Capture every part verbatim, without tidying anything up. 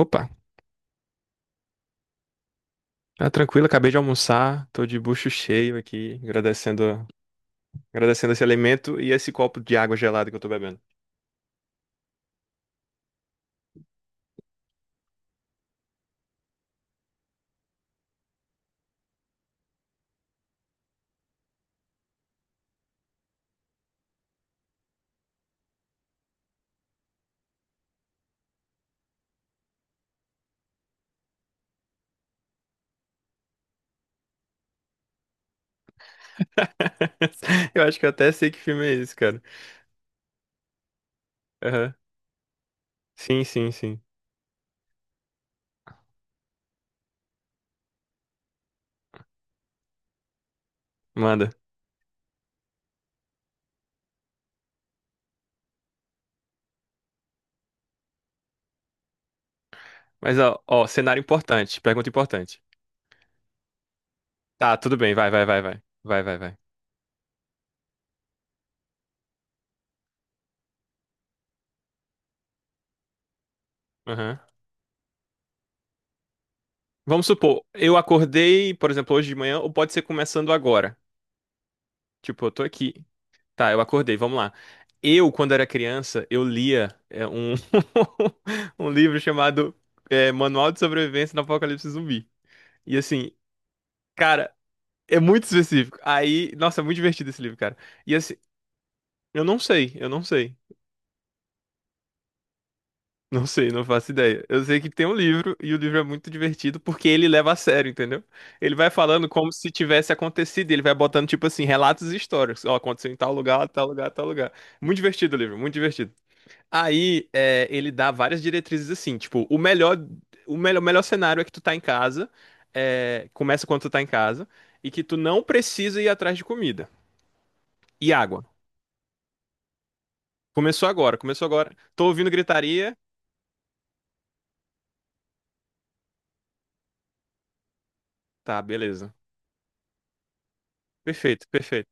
Opa, tá tranquilo, acabei de almoçar, tô de bucho cheio aqui, agradecendo, agradecendo esse alimento e esse copo de água gelada que eu tô bebendo. Eu acho que eu até sei que filme é esse, cara. Aham. Sim, sim, sim. Manda. Mas ó, ó, cenário importante, pergunta importante. Tá, tudo bem, vai, vai, vai, vai. Vai, vai, vai. Aham. Vamos supor, eu acordei, por exemplo, hoje de manhã, ou pode ser começando agora. Tipo, eu tô aqui. Tá, eu acordei, vamos lá. Eu, quando era criança, eu lia é, um, um livro chamado é, Manual de Sobrevivência no Apocalipse Zumbi. E assim, cara, é muito específico. Aí, nossa, é muito divertido esse livro, cara. E assim, eu não sei, eu não sei. Não sei, não faço ideia. Eu sei que tem um livro e o livro é muito divertido porque ele leva a sério, entendeu? Ele vai falando como se tivesse acontecido, ele vai botando tipo assim, relatos e histórias. Ó, aconteceu em tal lugar, tal lugar, tal lugar. Muito divertido o livro, muito divertido. Aí, é, ele dá várias diretrizes assim, tipo, o melhor, o melhor, o melhor cenário é que tu tá em casa, é, começa quando tu tá em casa e que tu não precisa ir atrás de comida e água. Começou agora, começou agora. Tô ouvindo gritaria. Tá, beleza. Perfeito, perfeito.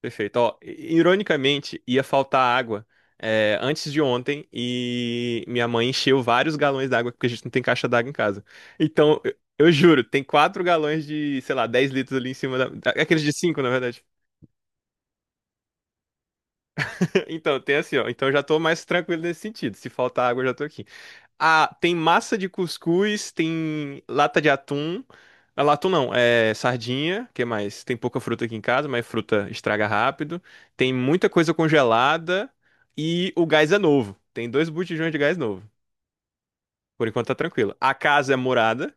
Perfeito. Ó, i- ironicamente, ia faltar água é, antes de ontem e minha mãe encheu vários galões d'água porque a gente não tem caixa d'água em casa. Então, eu, eu juro, tem quatro galões de, sei lá, dez litros ali em cima da, da- aqueles de cinco, na verdade. Então, tem assim, ó. Então, eu já tô mais tranquilo nesse sentido. Se faltar água, eu já tô aqui. Ah, tem massa de cuscuz, tem lata de atum. Ah, atum não, é sardinha, que é mais? Tem pouca fruta aqui em casa, mas fruta estraga rápido. Tem muita coisa congelada e o gás é novo. Tem dois botijões de gás novo. Por enquanto tá tranquilo. A casa é murada,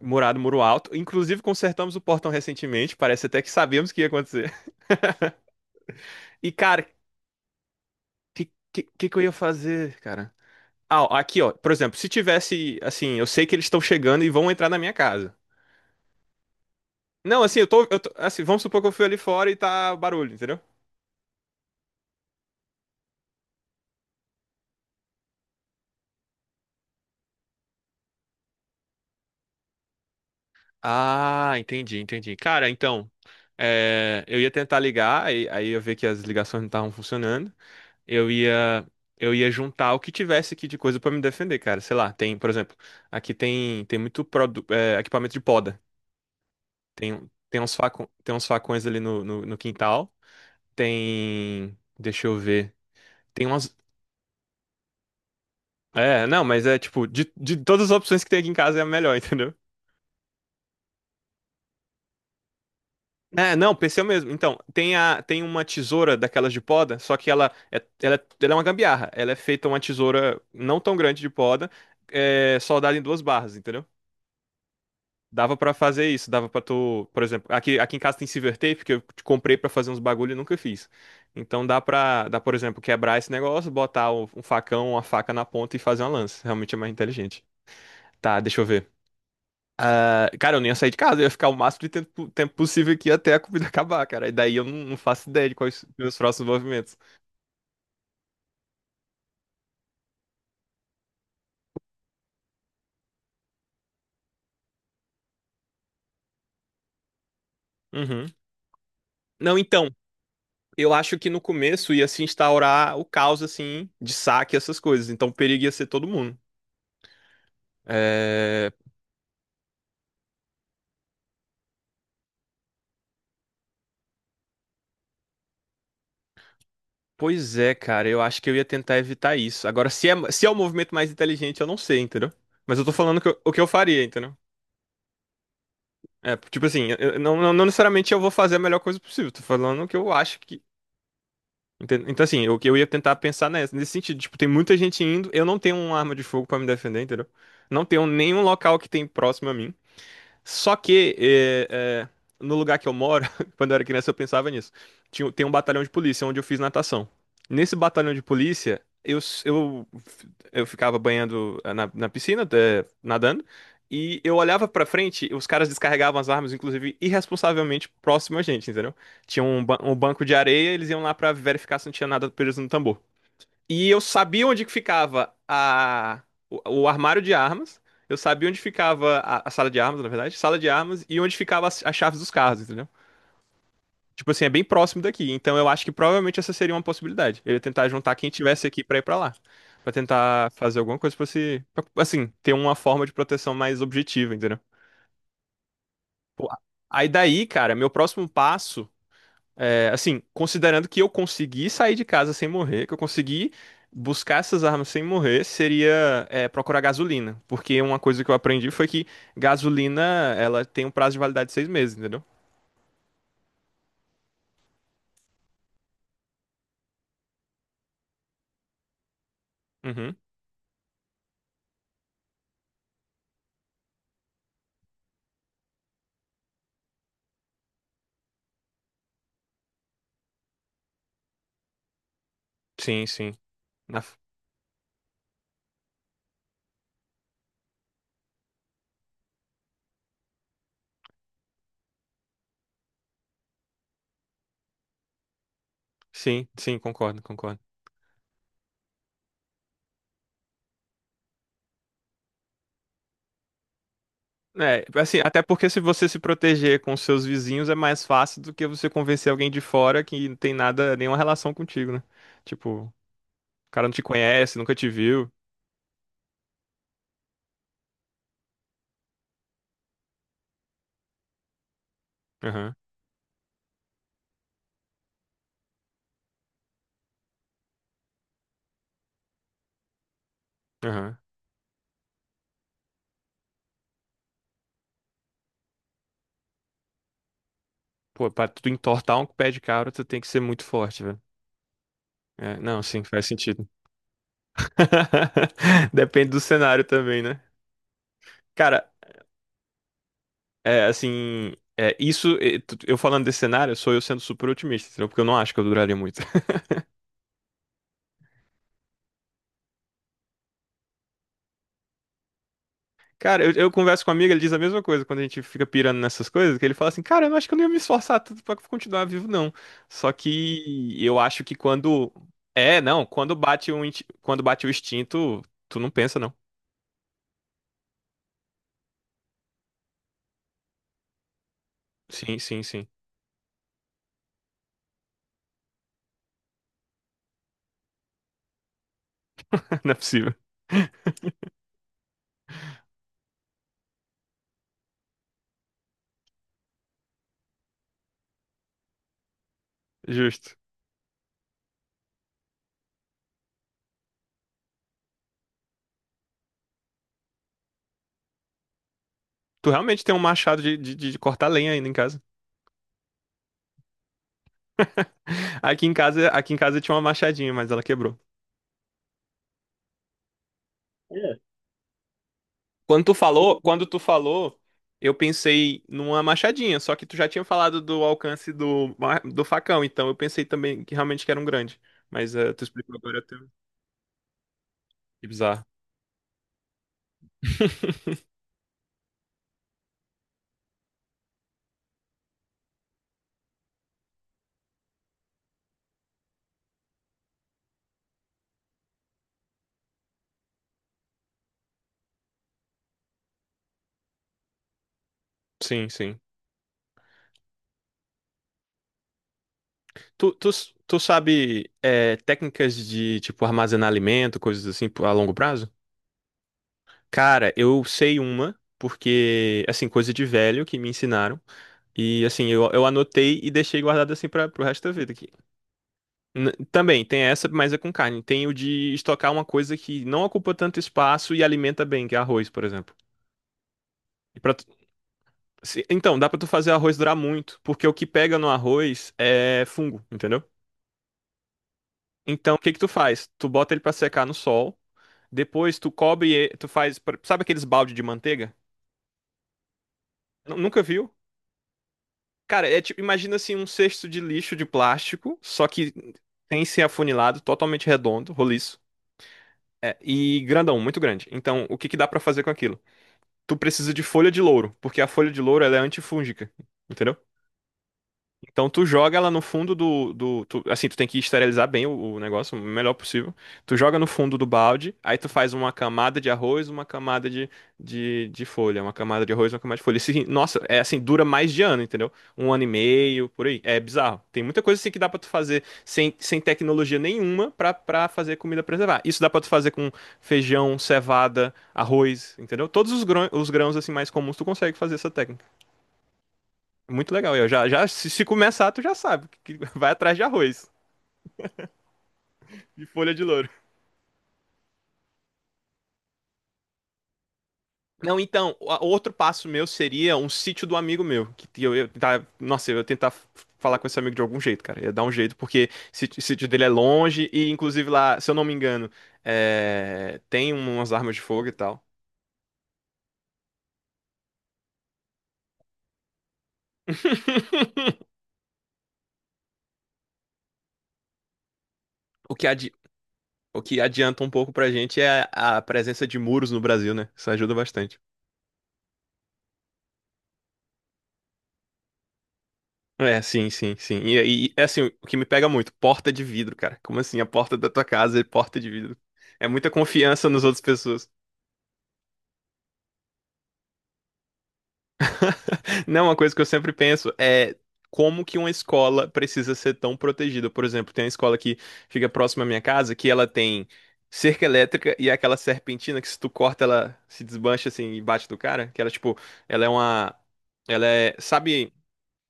murado, muro alto. Inclusive consertamos o portão recentemente, parece até que sabíamos que ia acontecer. E cara, que que, que que eu ia fazer, cara? Ah, ó, aqui ó, por exemplo, se tivesse assim, eu sei que eles estão chegando e vão entrar na minha casa. Não, assim, eu tô, eu tô- Assim, vamos supor que eu fui ali fora e tá barulho, entendeu? Ah, entendi, entendi. Cara, então, é, eu ia tentar ligar, aí, aí eu ver que as ligações não estavam funcionando. Eu ia, eu ia juntar o que tivesse aqui de coisa pra me defender, cara. Sei lá, tem, por exemplo, aqui tem, tem muito produ- é, equipamento de poda. Tem, tem uns facão, tem uns facões ali no, no, no quintal. Tem, deixa eu ver. Tem umas, é, não, mas é tipo, de, de todas as opções que tem aqui em casa é a melhor, entendeu? É, não, P C mesmo. Então, tem, a, tem uma tesoura daquelas de poda, só que ela é, ela, é ela é uma gambiarra. Ela é feita uma tesoura não tão grande de poda, é, soldada em duas barras, entendeu? Dava pra fazer isso, dava pra tu, por exemplo, aqui, aqui em casa tem silver tape que eu comprei pra fazer uns bagulho e nunca fiz. Então dá pra, dá, por exemplo, quebrar esse negócio, botar um, um facão, uma faca na ponta e fazer uma lança. Realmente é mais inteligente. Tá, deixa eu ver. Ah, cara, eu nem ia sair de casa, eu ia ficar o máximo de tempo, tempo possível aqui até a comida acabar, cara. E daí eu não, não faço ideia de quais os meus próximos movimentos. Uhum. Não, então, eu acho que no começo ia se instaurar o caos, assim, de saque e essas coisas. Então o perigo ia ser todo mundo. É, pois é, cara, eu acho que eu ia tentar evitar isso. Agora, se é, se é o movimento mais inteligente, eu não sei, entendeu? Mas eu tô falando que eu- o que eu faria, entendeu? É, tipo assim, eu- eu não, não não necessariamente eu vou fazer a melhor coisa possível. Tô falando o que eu acho que, Enten- então, assim, o que eu ia tentar pensar nessa, nesse sentido, tipo, tem muita gente indo, eu não tenho uma arma de fogo pra me defender, entendeu? Não tenho nenhum local que tem próximo a mim. Só que é, é, no lugar que eu moro, quando eu era criança, eu pensava nisso. Tinha, tem um batalhão de polícia onde eu fiz natação. Nesse batalhão de polícia, eu, s- eu, eu ficava banhando eh, na, na piscina, eh, nadando, e eu olhava pra frente, os caras descarregavam as armas, inclusive irresponsavelmente próximo a gente, entendeu? Tinha um, ba- um banco de areia, eles iam lá pra verificar se não tinha nada preso no tambor. E eu sabia onde que ficava a, o, o armário de armas. Eu sabia onde ficava a, a sala de armas, na verdade. Sala de armas e onde ficava as, as chaves dos carros, entendeu? Tipo assim, é bem próximo daqui. Então eu acho que provavelmente essa seria uma possibilidade. Eu ia tentar juntar quem tivesse aqui pra ir pra lá. Pra tentar fazer alguma coisa pra se. Pra, assim, ter uma forma de proteção mais objetiva, entendeu? Pô, aí daí, cara, meu próximo passo. É, assim, considerando que eu consegui sair de casa sem morrer, que eu consegui buscar essas armas sem morrer, seria é, procurar gasolina. Porque uma coisa que eu aprendi foi que gasolina, ela tem um prazo de validade de seis meses, entendeu? Uhum. Sim, sim. Na f- Sim, sim, concordo, concordo. É, assim, até porque se você se proteger com seus vizinhos é mais fácil do que você convencer alguém de fora que não tem nada, nenhuma relação contigo, né? Tipo, o cara não te conhece, nunca te viu. Aham, aham. Pô, pra tu entortar um pé de cabra, tu tem que ser muito forte, velho. É, não, sim, faz sentido. Depende do cenário também, né? Cara, é assim. É, isso, é, tu- eu falando desse cenário, sou eu sendo super otimista, entendeu? Porque eu não acho que eu duraria muito. Cara, eu, eu converso com um amigo, ele diz a mesma coisa quando a gente fica pirando nessas coisas, que ele fala assim, cara, eu não acho que eu não ia me esforçar tanto pra continuar vivo, não. Só que eu acho que quando. É, não, quando bate um, inti- quando bate o instinto, tu não pensa, não. Sim, sim, sim. Não é possível. Justo. Tu realmente tem um machado de, de, de cortar lenha ainda em casa. Aqui em casa, aqui em casa tinha uma machadinha, mas ela quebrou. É. Quando tu falou, quando tu falou, eu pensei numa machadinha, só que tu já tinha falado do alcance do, ma- do facão, então eu pensei também que realmente que era um grande. Mas eh, tu explicou agora teu. Que bizarro. Sim, sim. Tu, tu, tu sabe eh, técnicas de, tipo, armazenar alimento, coisas assim, a longo prazo? Cara, eu sei uma, porque, assim, coisa de velho que me ensinaram. E, assim, eu, eu anotei e deixei guardado, assim, para pro resto da vida aqui. N- também, tem essa, mas é com carne. Tem o de estocar uma coisa que não ocupa tanto espaço e alimenta bem, que é arroz, por exemplo. E pra tu- se- então, dá pra tu fazer arroz durar muito, porque o que pega no arroz é fungo, entendeu? Então, o que que tu faz? Tu bota ele pra secar no sol, depois tu cobre, e- tu faz, sabe aqueles balde de manteiga? Nunca viu? Cara, é tipo, imagina assim um cesto de lixo de plástico, só que sem ser afunilado, totalmente redondo, roliço. É, e grandão, muito grande. Então, o que que dá pra fazer com aquilo? Tu precisa de folha de louro, porque a folha de louro ela é antifúngica, entendeu? Então tu joga ela no fundo do, do tu- assim, tu tem que esterilizar bem o, o negócio, o melhor possível. Tu joga no fundo do balde, aí tu faz uma camada de arroz, uma camada de, de, de folha, uma camada de arroz, uma camada de folha. Assim, nossa, é assim, dura mais de ano, entendeu? Um ano e meio, por aí. É bizarro. Tem muita coisa assim que dá pra tu fazer sem, sem tecnologia nenhuma pra, pra fazer comida preservar. Isso dá pra tu fazer com feijão, cevada, arroz, entendeu? Todos os grãos, os grãos assim mais comuns tu consegue fazer essa técnica. Muito legal. Eu já, já, se, se começar, tu já sabe que vai atrás de arroz e folha de louro. Não, então, o- outro passo meu seria um sítio do amigo meu. Que que eu, eu tá, nossa, eu ia tentar f- falar com esse amigo de algum jeito, cara. Ia dar um jeito, porque sítio- o sítio dele é longe e, inclusive, lá, se eu não me engano, é, tem umas armas de fogo e tal. O que, adi- o que adianta um pouco pra gente é a a presença de muros no Brasil, né? Isso ajuda bastante. É, sim, sim, sim. E, e é assim, o que me pega muito, porta de vidro, cara. Como assim, a porta da tua casa é porta de vidro? É muita confiança nas outras pessoas. Não, uma coisa que eu sempre penso é como que uma escola precisa ser tão protegida. Por exemplo, tem uma escola que fica próxima à minha casa que ela tem cerca elétrica e é aquela serpentina que se tu corta ela se desmancha assim e bate do cara, que ela tipo, ela é uma, ela é, sabe,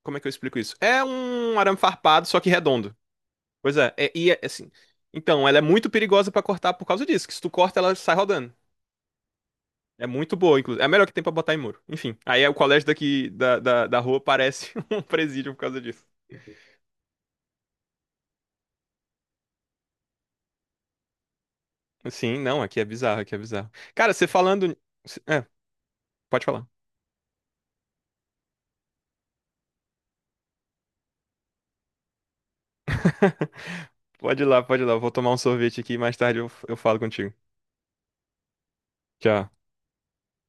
como é que eu explico isso? É um arame farpado, só que redondo. Pois é, é- e é, assim. Então, ela é muito perigosa pra cortar por causa disso, que se tu corta, ela sai rodando. É muito boa, inclusive. É a melhor que tem pra botar em muro. Enfim, aí é o colégio daqui da, da, da rua parece um presídio por causa disso. Sim, não, aqui é bizarro, aqui é bizarro. Cara, você falando. É, pode falar. Pode ir lá, pode ir lá. Eu vou tomar um sorvete aqui e mais tarde eu, eu falo contigo. Tchau.